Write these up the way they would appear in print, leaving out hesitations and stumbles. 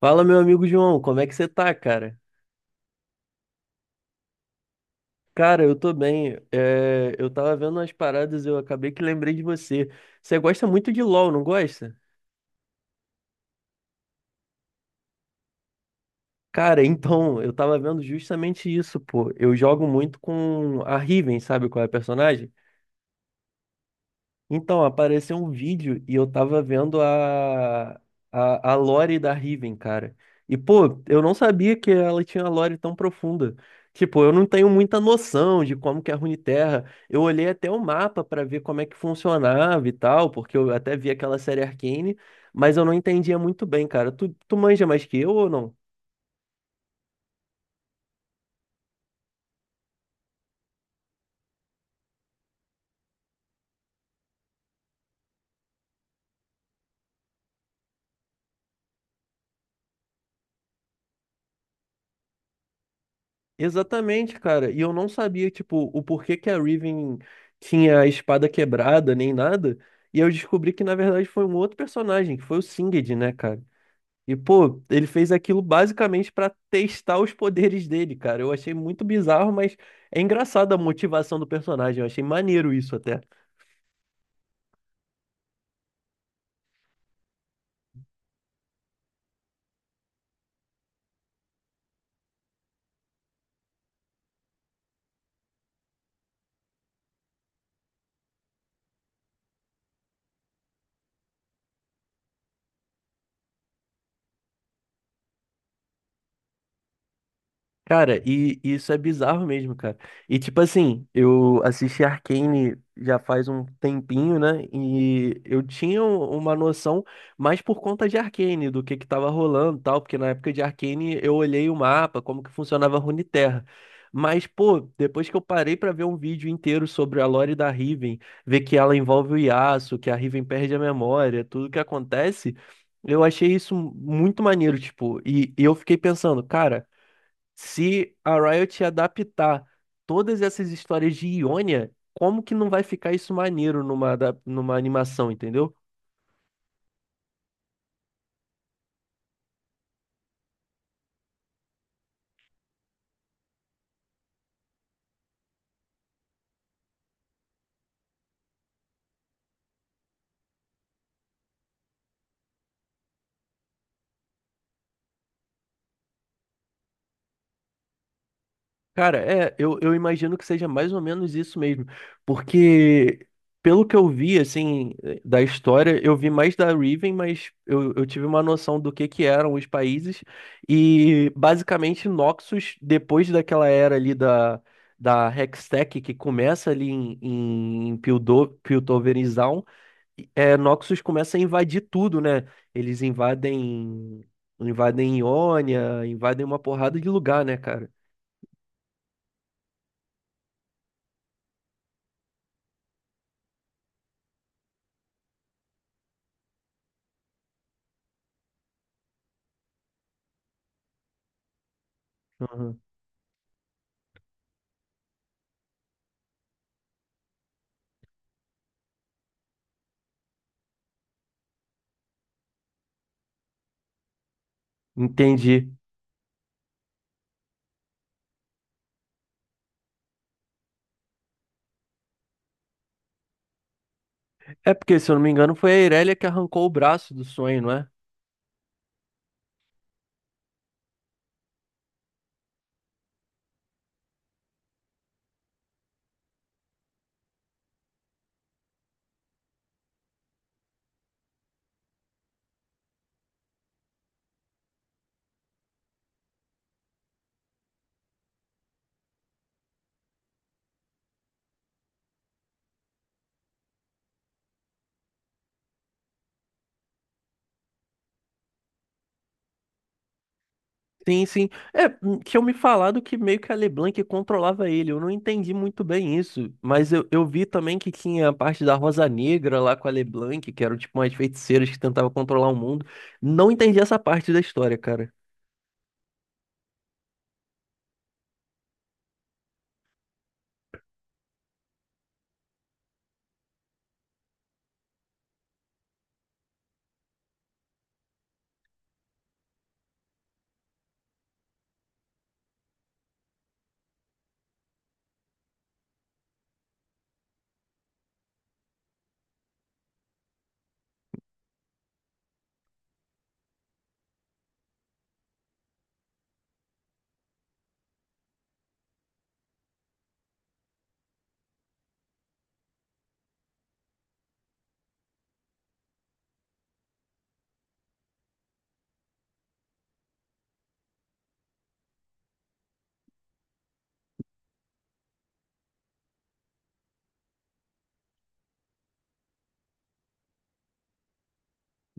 Fala, meu amigo João, como é que você tá, cara? Cara, eu tô bem. Eu tava vendo umas paradas e eu acabei que lembrei de você. Você gosta muito de LoL, não gosta? Cara, então, eu tava vendo justamente isso, pô. Eu jogo muito com a Riven, sabe qual é a personagem? Então, apareceu um vídeo e eu tava vendo a lore da Riven, cara. E, pô, eu não sabia que ela tinha uma lore tão profunda. Tipo, eu não tenho muita noção de como que é a Runeterra. Eu olhei até o mapa pra ver como é que funcionava e tal, porque eu até vi aquela série Arcane, mas eu não entendia muito bem, cara. Tu manja mais que eu ou não? Exatamente, cara. E eu não sabia, tipo, o porquê que a Riven tinha a espada quebrada, nem nada. E eu descobri que, na verdade, foi um outro personagem, que foi o Singed, né, cara? E, pô, ele fez aquilo basicamente pra testar os poderes dele, cara. Eu achei muito bizarro, mas é engraçado a motivação do personagem. Eu achei maneiro isso até. Cara, e isso é bizarro mesmo, cara. E tipo assim, eu assisti Arcane já faz um tempinho, né? E eu tinha uma noção mais por conta de Arcane, do que tava rolando e tal, porque na época de Arcane eu olhei o mapa, como que funcionava a Runeterra. Mas, pô, depois que eu parei pra ver um vídeo inteiro sobre a lore da Riven, ver que ela envolve o Yasuo, que a Riven perde a memória, tudo que acontece, eu achei isso muito maneiro, tipo, e eu fiquei pensando, cara. Se a Riot adaptar todas essas histórias de Ionia, como que não vai ficar isso maneiro numa, numa animação, entendeu? Cara, é, eu imagino que seja mais ou menos isso mesmo. Porque, pelo que eu vi, assim, da história, eu vi mais da Riven, mas eu tive uma noção do que eram os países. E, basicamente, Noxus, depois daquela era ali da, da Hextech, que começa ali em Piltover, é, Noxus começa a invadir tudo, né? Eles invadem, invadem Ionia, invadem uma porrada de lugar, né, cara? Aham. Entendi. É porque, se eu não me engano, foi a Irelia que arrancou o braço do sonho, não é? Sim, sim. É, tinham me falado que meio que a LeBlanc controlava ele. Eu não entendi muito bem isso. Mas eu vi também que tinha a parte da Rosa Negra lá com a LeBlanc, que eram tipo umas feiticeiras que tentavam controlar o mundo. Não entendi essa parte da história, cara.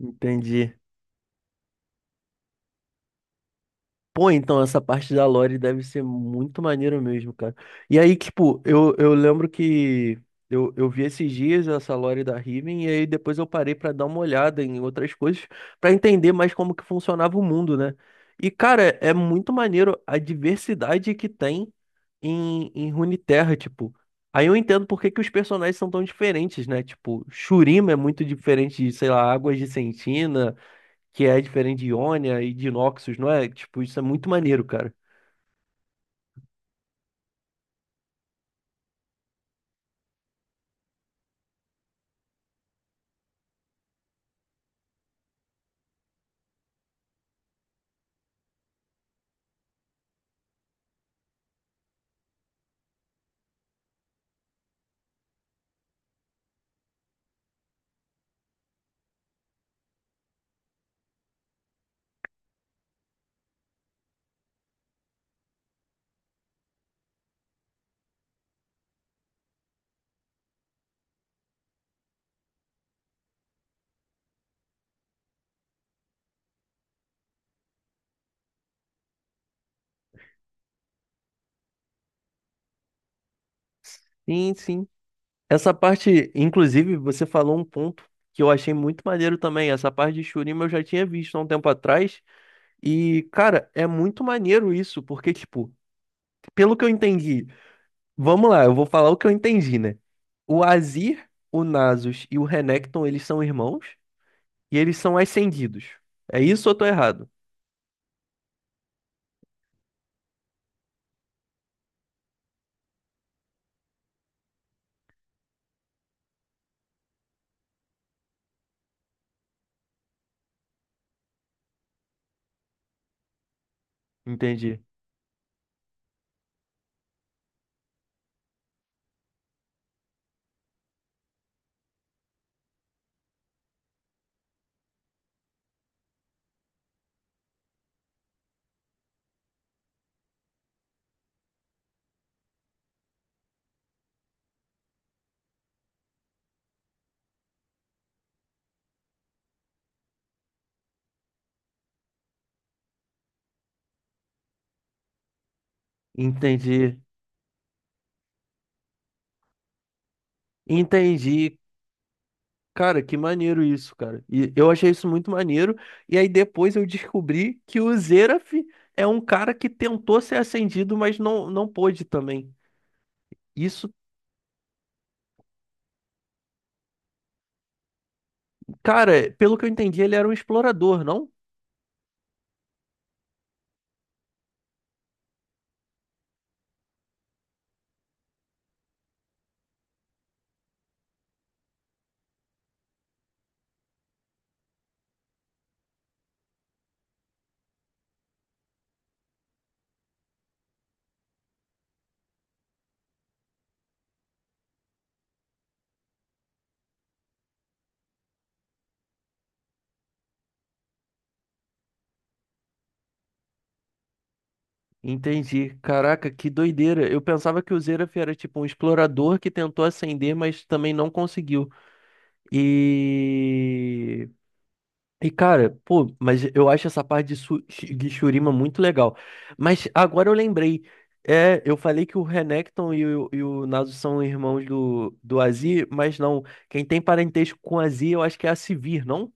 Entendi. Pô, então essa parte da lore deve ser muito maneiro mesmo, cara. E aí, tipo, eu lembro que eu vi esses dias essa lore da Riven, e aí depois eu parei pra dar uma olhada em outras coisas, pra entender mais como que funcionava o mundo, né? E, cara, é muito maneiro a diversidade que tem em Runeterra, tipo. Aí eu entendo por que que os personagens são tão diferentes, né? Tipo, Shurima é muito diferente de, sei lá, Águas de Sentina que é diferente de Ionia e de Noxus, não é? Tipo, isso é muito maneiro, cara. Sim, sim. Essa parte, inclusive, você falou um ponto que eu achei muito maneiro também. Essa parte de Shurima eu já tinha visto há um tempo atrás. E, cara, é muito maneiro isso, porque, tipo, pelo que eu entendi, vamos lá, eu vou falar o que eu entendi, né? O Azir, o Nasus e o Renekton, eles são irmãos e eles são ascendidos. É isso ou eu tô errado? Entendi. Entendi. Entendi. Cara, que maneiro isso, cara. E eu achei isso muito maneiro. E aí depois eu descobri que o Xerath é um cara que tentou ser ascendido, mas não pôde também. Isso, cara, pelo que eu entendi, ele era um explorador, não? Entendi. Caraca, que doideira. Eu pensava que o Xerath era tipo um explorador que tentou ascender, mas também não conseguiu. E E cara, pô, mas eu acho essa parte de, de Shurima muito legal. Mas agora eu lembrei, é, eu falei que o Renekton e e o Naso são irmãos do, do Azir, mas não, quem tem parentesco com o Azir eu acho que é a Sivir, não?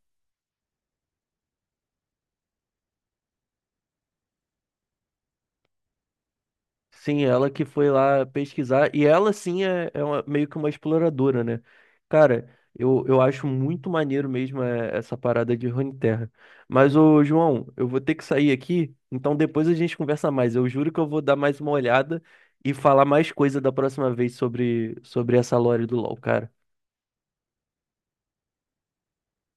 Sim, ela que foi lá pesquisar. E ela, sim, é, é uma- meio que uma exploradora, né? Cara, eu acho muito maneiro mesmo é, essa parada de Runeterra. Mas, ô, João, eu vou ter que sair aqui. Então, depois a gente conversa mais. Eu juro que eu vou dar mais uma olhada e falar mais coisa da próxima vez sobre, sobre essa lore do LoL, cara.